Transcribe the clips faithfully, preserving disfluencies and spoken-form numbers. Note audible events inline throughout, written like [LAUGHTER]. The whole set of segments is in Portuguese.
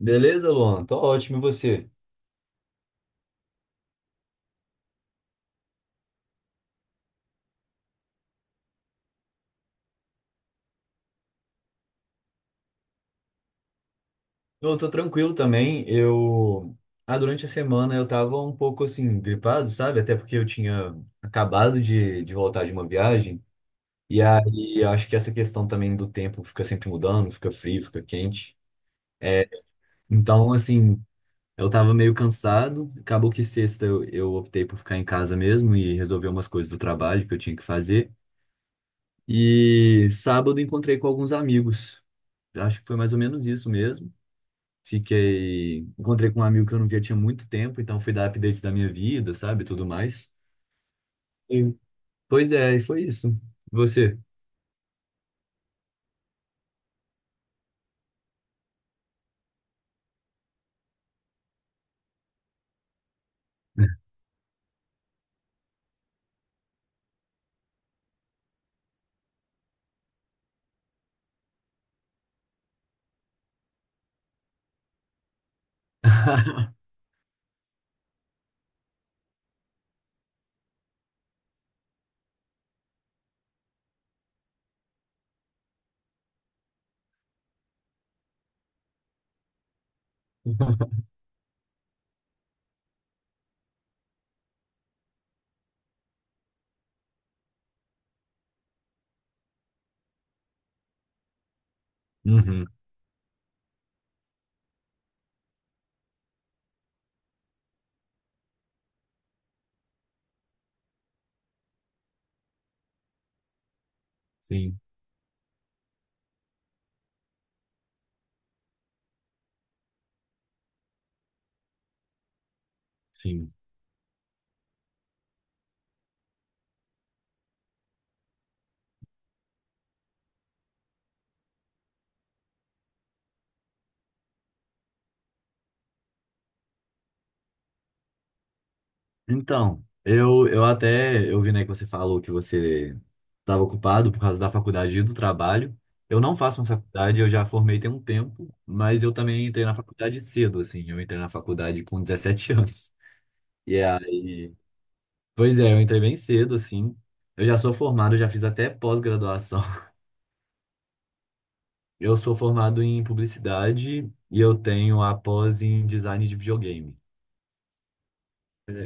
Beleza, Luan? Tô ótimo, e você? Eu tô tranquilo também. Eu, ah, durante a semana eu tava um pouco assim, gripado, sabe? Até porque eu tinha acabado de, de voltar de uma viagem. E aí acho que essa questão também do tempo fica sempre mudando, fica frio, fica quente. É, então, assim, eu tava meio cansado. Acabou que sexta eu, eu optei por ficar em casa mesmo e resolver umas coisas do trabalho que eu tinha que fazer. E sábado encontrei com alguns amigos. Acho que foi mais ou menos isso mesmo. Fiquei, encontrei com um amigo que eu não via tinha muito tempo, então fui dar updates da minha vida, sabe, tudo mais. Sim. Pois é, e foi isso. Você? [LAUGHS] Uhum, sim, sim. Então, eu, eu até, eu vi, né, que você falou que você estava ocupado por causa da faculdade e do trabalho. Eu não faço uma faculdade, eu já formei tem um tempo, mas eu também entrei na faculdade cedo, assim. Eu entrei na faculdade com dezessete anos. E aí, Pois é, eu entrei bem cedo, assim. Eu já sou formado, já fiz até pós-graduação. [LAUGHS] Eu sou formado em publicidade e eu tenho a pós em design de videogame.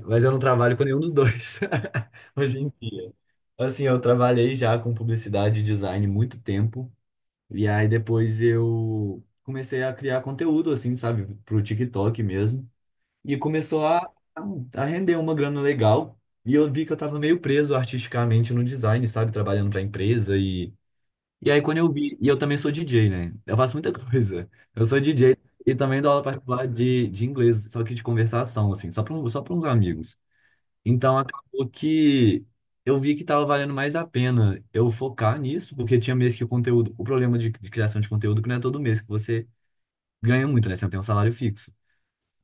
Mas eu não trabalho com nenhum dos dois [LAUGHS] hoje em dia. Assim, eu trabalhei já com publicidade e design muito tempo. E aí depois eu comecei a criar conteúdo, assim, sabe, pro TikTok mesmo. E começou a, a render uma grana legal. E eu vi que eu tava meio preso artisticamente no design, sabe, trabalhando pra empresa. E aí, quando eu vi, e eu também sou D J, né? Eu faço muita [LAUGHS] coisa. Eu sou D J e também dou aula particular de, de inglês, só que de conversação, assim, só para só para uns amigos. Então, acabou que eu vi que estava valendo mais a pena eu focar nisso, porque tinha mês que o conteúdo, o problema de, de criação de conteúdo é que não é todo mês que você ganha muito, né? Você não tem um salário fixo.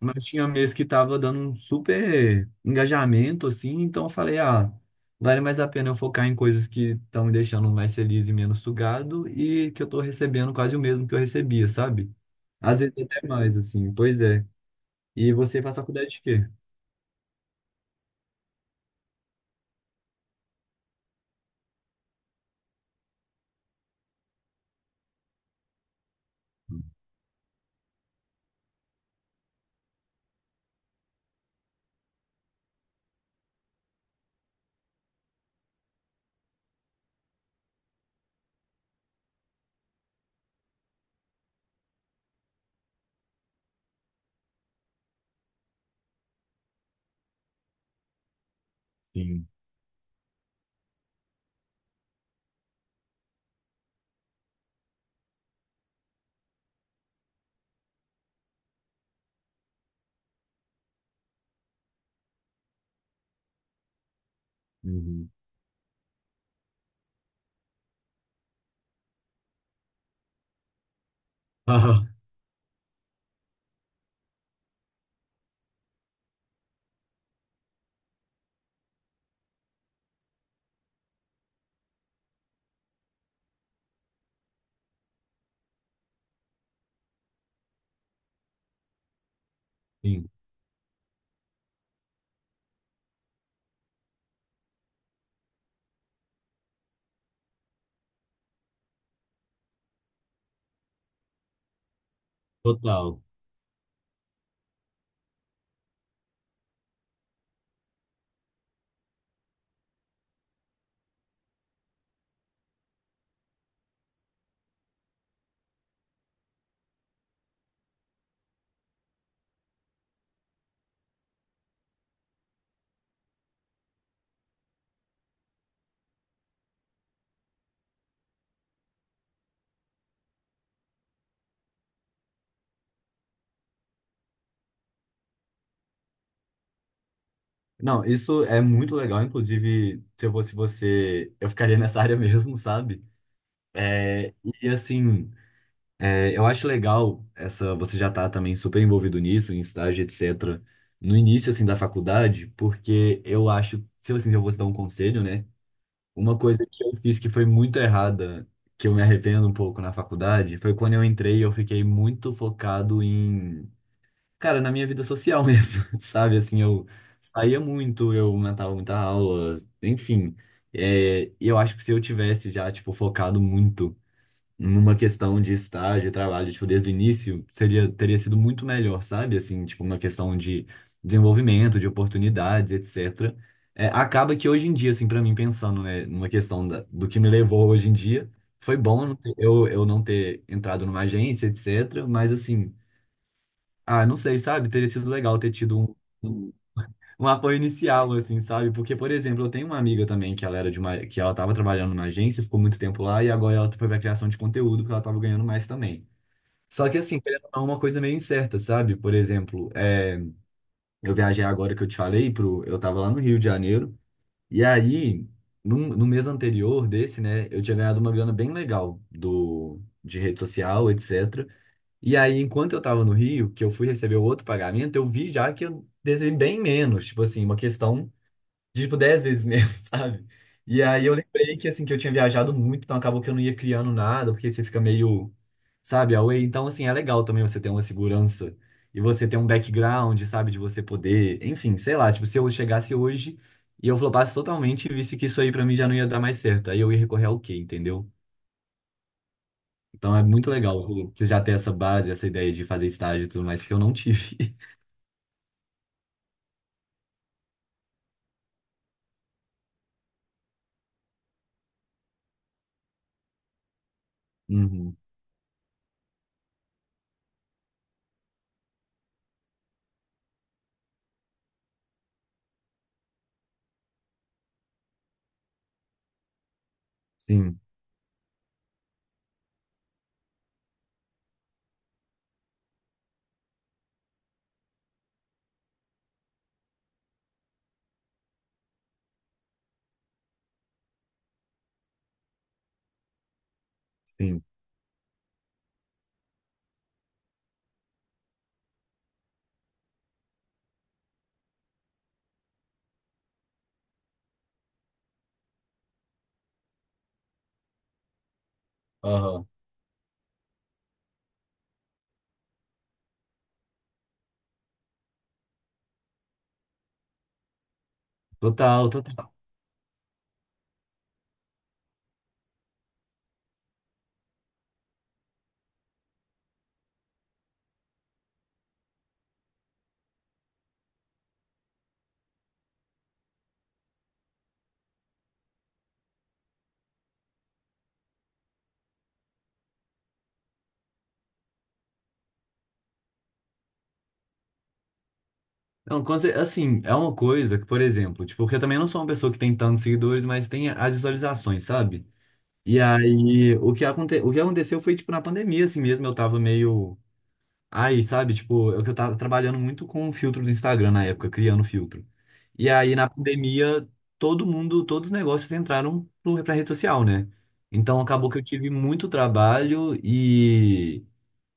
Mas tinha mês que tava dando um super engajamento, assim, então eu falei, ah, vale mais a pena eu focar em coisas que estão me deixando mais feliz e menos sugado e que eu tô recebendo quase o mesmo que eu recebia, sabe? Às vezes até mais, assim, pois é. E você faz faculdade de quê? Sim. Uhum. [LAUGHS] Sim, total. Não, isso é muito legal, inclusive, se eu fosse você, eu ficaria [LAUGHS] nessa área mesmo, sabe? É, e assim. É, Eu acho legal essa, você já tá também super envolvido nisso, em estágio, etcétera. No início assim da faculdade, porque eu acho, se eu, assim, eu vou te dar um conselho, né? Uma coisa que eu fiz que foi muito errada, que eu me arrependo um pouco na faculdade, foi quando eu entrei, eu fiquei muito focado em, cara, na minha vida social [LAUGHS] mesmo, sabe? Assim, eu saía muito, eu matava muita aula, enfim. É, e eu acho que se eu tivesse já, tipo, focado muito numa questão de estágio, trabalho, tipo, desde o início, seria, teria sido muito melhor, sabe? Assim, tipo, uma questão de desenvolvimento, de oportunidades, etcétera. É, acaba que hoje em dia, assim, para mim, pensando, né, numa questão da, do que me levou hoje em dia, foi bom eu, eu não ter entrado numa agência, etcétera. Mas, assim, ah, não sei, sabe? Teria sido legal ter tido um. um um apoio inicial, assim, sabe? Porque, por exemplo, eu tenho uma amiga também que ela era de uma, que ela estava trabalhando numa agência, ficou muito tempo lá e agora ela foi para criação de conteúdo porque ela estava ganhando mais também. Só que assim, querendo ou não, é uma coisa meio incerta, sabe? Por exemplo, é, eu viajei agora que eu te falei pro, eu estava lá no Rio de Janeiro e aí num- no, mês anterior desse, né, eu tinha ganhado uma grana bem legal do de rede social, etcétera. E aí, enquanto eu estava no Rio, que eu fui receber o outro pagamento, eu vi já que eu recebi bem menos, tipo assim, uma questão de, tipo, dez vezes mesmo, [LAUGHS] sabe? E aí eu lembrei que, assim, que eu tinha viajado muito, então acabou que eu não ia criando nada, porque você fica meio, sabe, away. Então, assim, é legal também você ter uma segurança e você ter um background, sabe, de você poder, enfim, sei lá, tipo, se eu chegasse hoje e eu flopasse totalmente e visse que isso aí pra mim já não ia dar mais certo, aí eu ia recorrer ao quê, entendeu? Então é muito legal você já ter essa base, essa ideia de fazer estágio e tudo mais, que eu não tive. [LAUGHS] Uhum. Sim, sim. Aham. Total, total. Não, com cer- assim, é uma coisa que, por exemplo, tipo, porque eu também não sou uma pessoa que tem tantos seguidores, mas tem as visualizações, sabe? E aí, o que, aconte, o que aconteceu foi, tipo, na pandemia, assim mesmo, eu tava meio. Aí, sabe, tipo, eu, que eu tava trabalhando muito com o filtro do Instagram na época, criando filtro. E aí, na pandemia, todo mundo, todos os negócios entraram pro- pra rede social, né? Então, acabou que eu tive muito trabalho e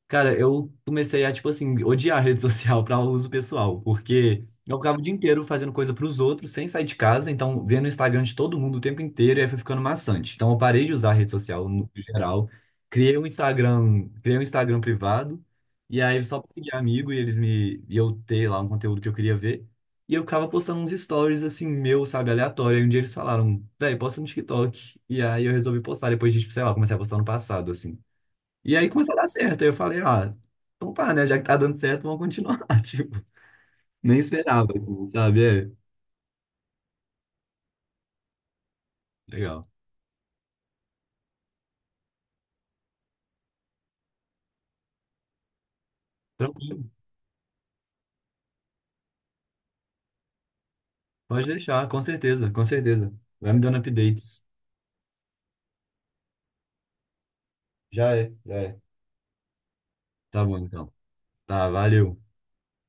cara, eu comecei a, tipo assim, odiar a rede [LAUGHS] social para uso pessoal, porque eu ficava o dia inteiro fazendo coisa pros outros, sem sair de casa, então vendo o Instagram de todo mundo o tempo inteiro, e aí foi ficando maçante. Então eu parei de usar a rede social no geral, criei um Instagram, criei um Instagram privado, e aí só pra seguir amigo, e eles me, e eu ter lá um conteúdo que eu queria ver, e eu ficava postando uns stories, assim, meu, sabe, aleatório, e um dia eles falaram, véi, posta no TikTok, e aí eu resolvi postar, depois de, tipo, sei lá, comecei a postar no passado, assim. E aí começou a dar certo. Aí eu falei, ah, então pá, né? Já que tá dando certo, vamos continuar. [LAUGHS] Tipo, nem esperava, assim, sabe? É, legal. Tranquilo. Pode deixar, com certeza, com certeza. Vai me dando updates. Já é, já é. Tá bom, então. Tá, valeu.